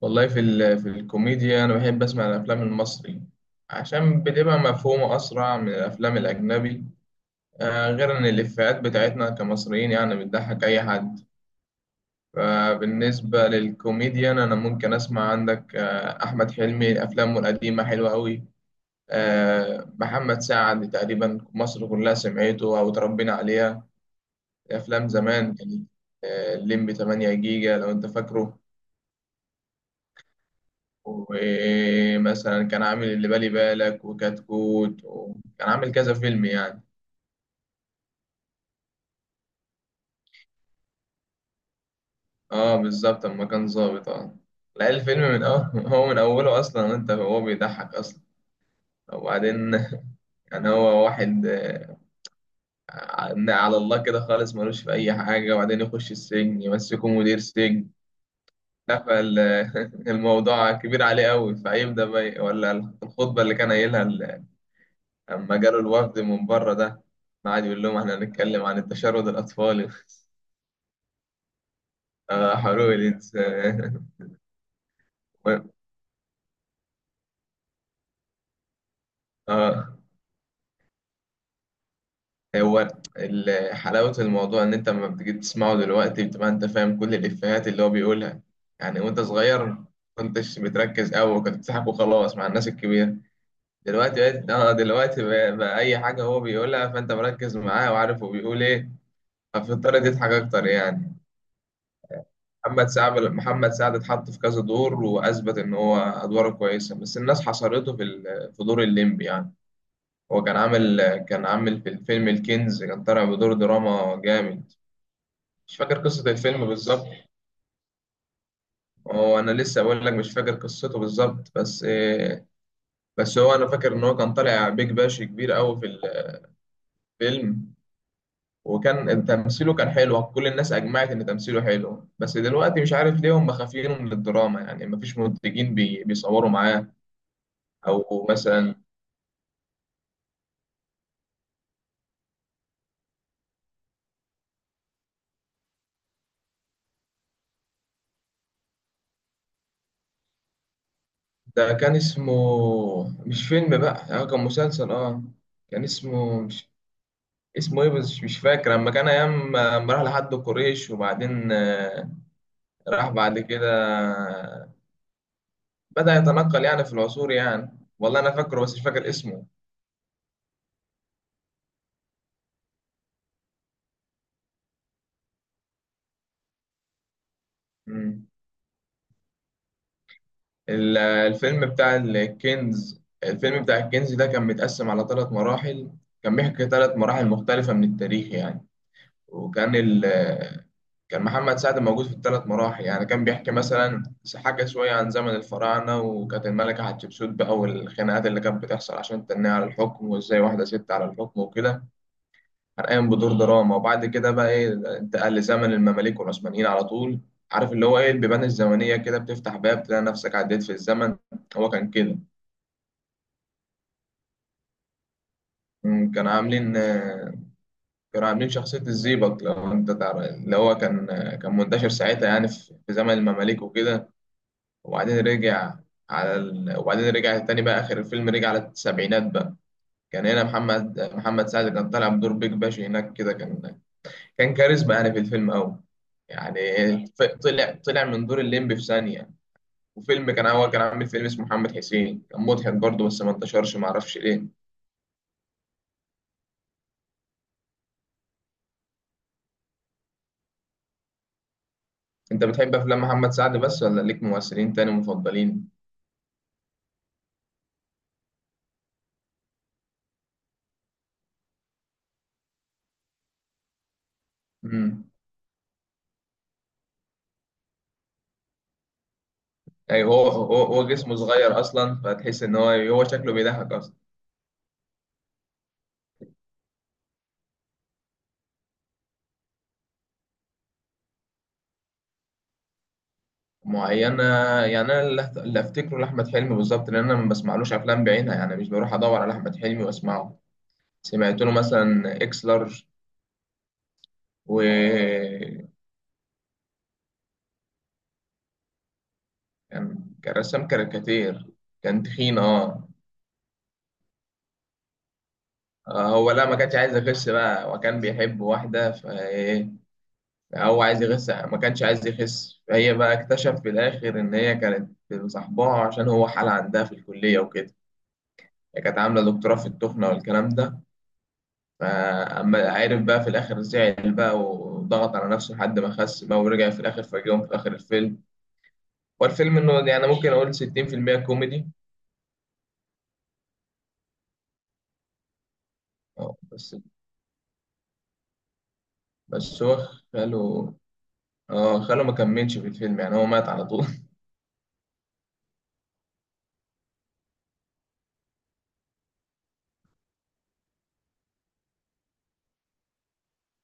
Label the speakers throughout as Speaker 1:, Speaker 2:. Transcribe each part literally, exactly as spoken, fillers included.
Speaker 1: والله في ال... في الكوميديا، أنا بحب أسمع الأفلام المصري عشان بتبقى مفهومة أسرع من الأفلام الأجنبي. آه، غير إن الإفيهات بتاعتنا كمصريين يعني بتضحك أي حد. فبالنسبة للكوميديان أنا ممكن أسمع عندك آه أحمد حلمي، أفلامه القديمة حلوة أوي. آه محمد سعد تقريبا مصر كلها سمعته أو اتربينا عليها، أفلام زمان كانت. آه، الليمبي ثمانية جيجا لو أنت فاكره، ومثلا كان عامل اللي بالي بالك وكتكوت وكان عامل كذا فيلم يعني. اه بالظبط، اما كان ظابط، اه. لا، الفيلم من أول هو من اوله اصلا انت هو بيضحك اصلا. وبعدين يعني هو واحد آه، على على الله كده خالص، ملوش في اي حاجه، وبعدين يخش السجن يمسكه مدير سجن. لا، فالموضوع كبير عليه قوي، فيبدا بقى ولا الخطبه اللي كان قايلها ال- لما جاله الوفد من بره ده، قعد يقول لهم احنا هنتكلم عن التشرد الاطفالي. اه حلول انت. اه، آه، هو ال- حلاوة الموضوع ان انت لما بتيجي تسمعه دلوقتي بتبقى انت فاهم كل الافيهات اللي هو بيقولها. يعني وانت صغير ما كنتش بتركز قوي، كنت بتضحك وخلاص مع الناس الكبيرة. دلوقتي بقيت اه، دلوقتي بقى, بقى اي حاجة هو بيقولها فانت مركز معاه وعارف هو بيقول ايه، فبتضطر تضحك اكتر يعني. محمد سعد محمد سعد اتحط في كذا دور واثبت ان هو ادواره كويسة، بس الناس حصرته في ال- في دور الليمبي يعني. هو كان عامل كان عامل في الفيلم الكنز، كان طالع بدور دراما جامد. مش فاكر قصة الفيلم بالظبط، هو أنا لسه بقول لك مش فاكر قصته بالظبط، بس بس هو أنا فاكر إن هو كان طالع بيج باش كبير أوي في الفيلم. وكان تمثيله، كان حلو، كل الناس أجمعت إن تمثيله حلو، بس دلوقتي مش عارف ليه هم خافين من الدراما يعني، مفيش منتجين بي بيصوروا معاه. أو مثلا ده كان اسمه، مش فيلم بقى يعني كان مسلسل اه، كان اسمه، مش اسمه ايه بس مش فاكر، اما كان ايام اما راح لحد قريش وبعدين آه، راح بعد كده بدأ يتنقل يعني في العصور يعني، والله انا فاكره بس مش فاكر اسمه. مم. ال- الفيلم بتاع الكنز الفيلم بتاع الكنز ده كان متقسم على ثلاث مراحل، كان بيحكي ثلاث مراحل مختلفة من التاريخ يعني. وكان ال كان محمد سعد موجود في الثلاث مراحل يعني، كان بيحكي مثلا حاجة شوية عن زمن الفراعنة، وكانت الملكة حتشبسوت بقى، والخناقات اللي كانت بتحصل عشان تنيه على الحكم وازاي واحدة ست على الحكم وكده. كان قايم بدور دراما، وبعد كده بقى ايه، انتقل لزمن المماليك والعثمانيين على طول. عارف اللي هو ايه البيبان الزمنية كده بتفتح باب تلاقي نفسك عديت في الزمن، هو كان كده. مم، كانوا عاملين آه، كانوا عاملين شخصية الزيبق لو انت تعرف، اللي هو كان آه، كان منتشر ساعتها يعني في في زمن المماليك وكده. وبعدين رجع على ال... وبعدين رجع تاني بقى، آخر الفيلم رجع على السبعينات بقى. كان هنا محمد محمد سعد كان طالع بدور بيج باشا هناك كده، كان كان كاريزما يعني في الفيلم أوي. يعني ف- طلع طلع من دور الليمبي في ثانية. وفيلم كان هو كان عامل فيلم اسمه محمد حسين، كان مضحك برضه بس ما انتشرش، ما اعرفش ليه. انت بتحب افلام محمد سعد بس ولا ليك ممثلين تاني مفضلين؟ امم. ايوه، هو هو هو جسمه صغير اصلا فتحس ان هو هو شكله بيضحك. معينة، يعني أنا اللي هت- اللي أفتكره لأحمد حلمي بالظبط، لأن أنا ما بسمعلوش أفلام بعينها يعني، مش بروح أدور على أحمد حلمي وأسمعه. سمعت له مثلا إكس لارج. و كان كان رسام كاريكاتير، كان تخين أه. آه، هو لا ما كانش عايز يخس بقى، وكان بيحب واحدة فإيه، هو عايز يخس، ما كانش عايز يخس، فهي بقى اكتشف في الآخر إن هي كانت صاحبها عشان هو حالة عندها في الكلية وكده، هي كانت عاملة دكتوراه في التخنة والكلام ده. فأما عارف بقى في الآخر زعل بقى وضغط على نفسه لحد ما خس بقى، ورجع في الآخر فاجئهم في آخر الفيلم. هو الفيلم إنه يعني ممكن أقول ستين بالمية كوميدي. أه بس، بس هو خاله، اه، خاله ما كملش في الفيلم يعني، هو مات على طول.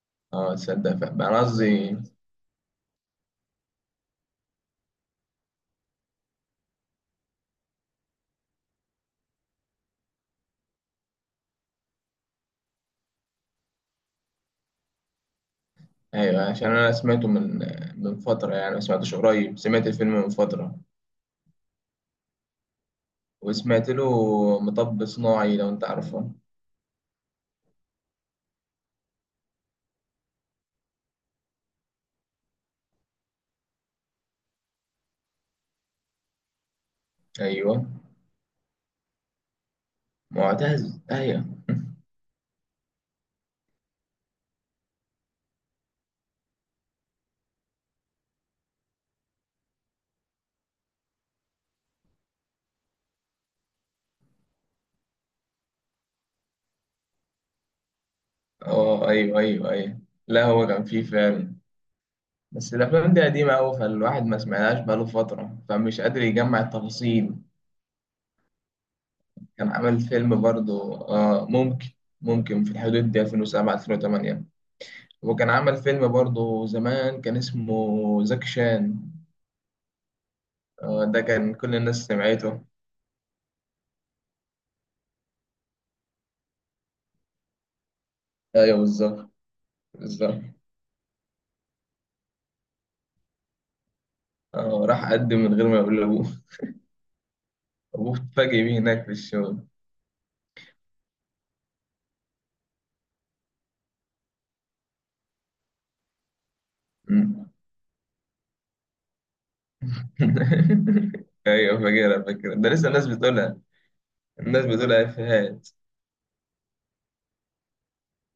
Speaker 1: اه تصدق، ف- بقى أنا قصدي. أيوه عشان أنا سمعته من من فترة يعني، ما سمعتوش قريب، سمعت الفيلم من فترة. وسمعت له مطب صناعي لو أنت عارفه. أيوه. معتز، أيوه. اه أيوه أيوه أيوه. لا هو كان فيه فعلا، بس الافلام دي قديمه قوي فالواحد ما سمعناش بقاله فتره، فمش قادر يجمع التفاصيل. كان عمل فيلم برضو آه ممكن، ممكن في الحدود دي ألفين وسبعة ألفين وتمانية. وكان عمل فيلم برضو زمان كان اسمه زكي شان، آه ده كان كل الناس سمعته. ايوه، بالظبط بالظبط. آه، راح قدم من غير ما يقول لابوه، ابوه اتفاجئ بيه هناك في الشغل. مم. ايوه فاكرها فاكرها، ده لسه الناس بتقولها، الناس بتقولها افيهات.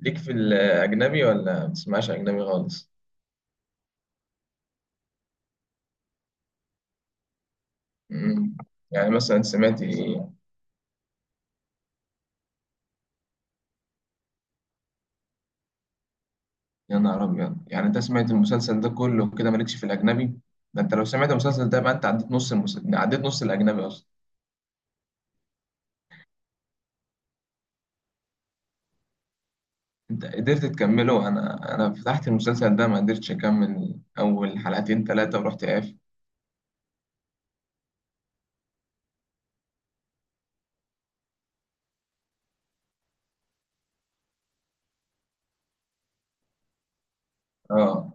Speaker 1: ليك في الأجنبي ولا ما بتسمعش أجنبي خالص؟ مم. يعني مثلا سمعت إيه؟ يا نهار أبيض، يعني أنت سمعت المسلسل ده كله كده مالكش في الأجنبي؟ ده أنت لو سمعت المسلسل ده بقى أنت عديت نص المسلسل، عديت نص الأجنبي أصلا. أنت قدرت تكمله؟ أنا أنا فتحت المسلسل ده، ما قدرتش أكمل أول حلقتين تلاتة ورحت قاف. أه،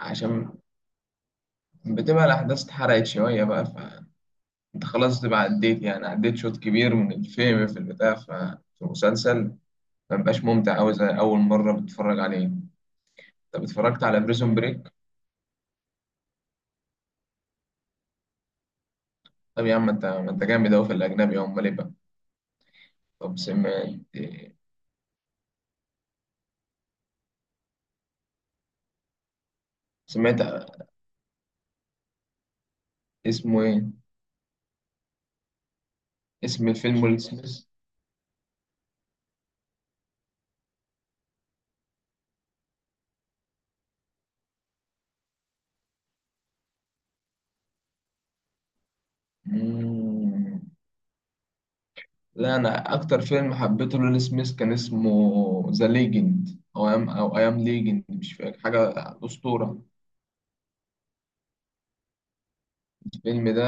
Speaker 1: عشان بتبقى الأحداث اتحرقت شوية بقى فأنت خلاص تبقى عديت، يعني عديت شوط كبير من الفيلم في البتاع ف- في المسلسل، ما بيبقاش ممتع أوي زي أول مرة بتتفرج عليه. طب اتفرجت على بريزون بريك؟ طب يا عم، انت ما انت جامد أوي في الأجنبي، أمال إيه بقى؟ طب سمعت، سمعت، اسمه إيه؟ اسم الفيلم ويل سميث. مم. لا، أنا أكتر فيلم حبيته لويل سميث كان اسمه ذا ليجند، أو أيام، أو أيام ليجند، مش فاكر حاجة، أسطورة. الفيلم ده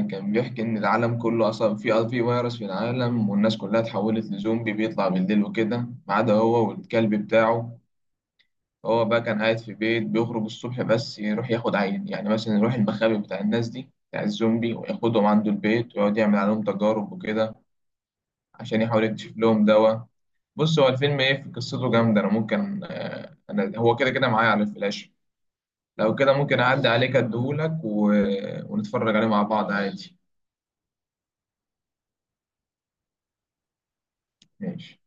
Speaker 1: كان بيحكي إن العالم كله أصلا في في فيروس في العالم، والناس كلها اتحولت لزومبي بيطلع بالليل وكده، ما عدا هو والكلب بتاعه. هو بقى كان قاعد في بيت، بيخرج الصبح بس يروح ياخد عين، يعني مثلا يروح المخابئ بتاع الناس دي بتاع الزومبي وياخدهم عنده البيت ويقعد يعمل عليهم تجارب وكده عشان يحاول يكتشف لهم دواء. بص، هو الفيلم ايه، في قصته جامدة، انا ممكن آه، انا هو كده كده معايا على الفلاش. لو كده ممكن اعدي عليك اديهولك و... ونتفرج عليه مع بعض عادي. ماشي.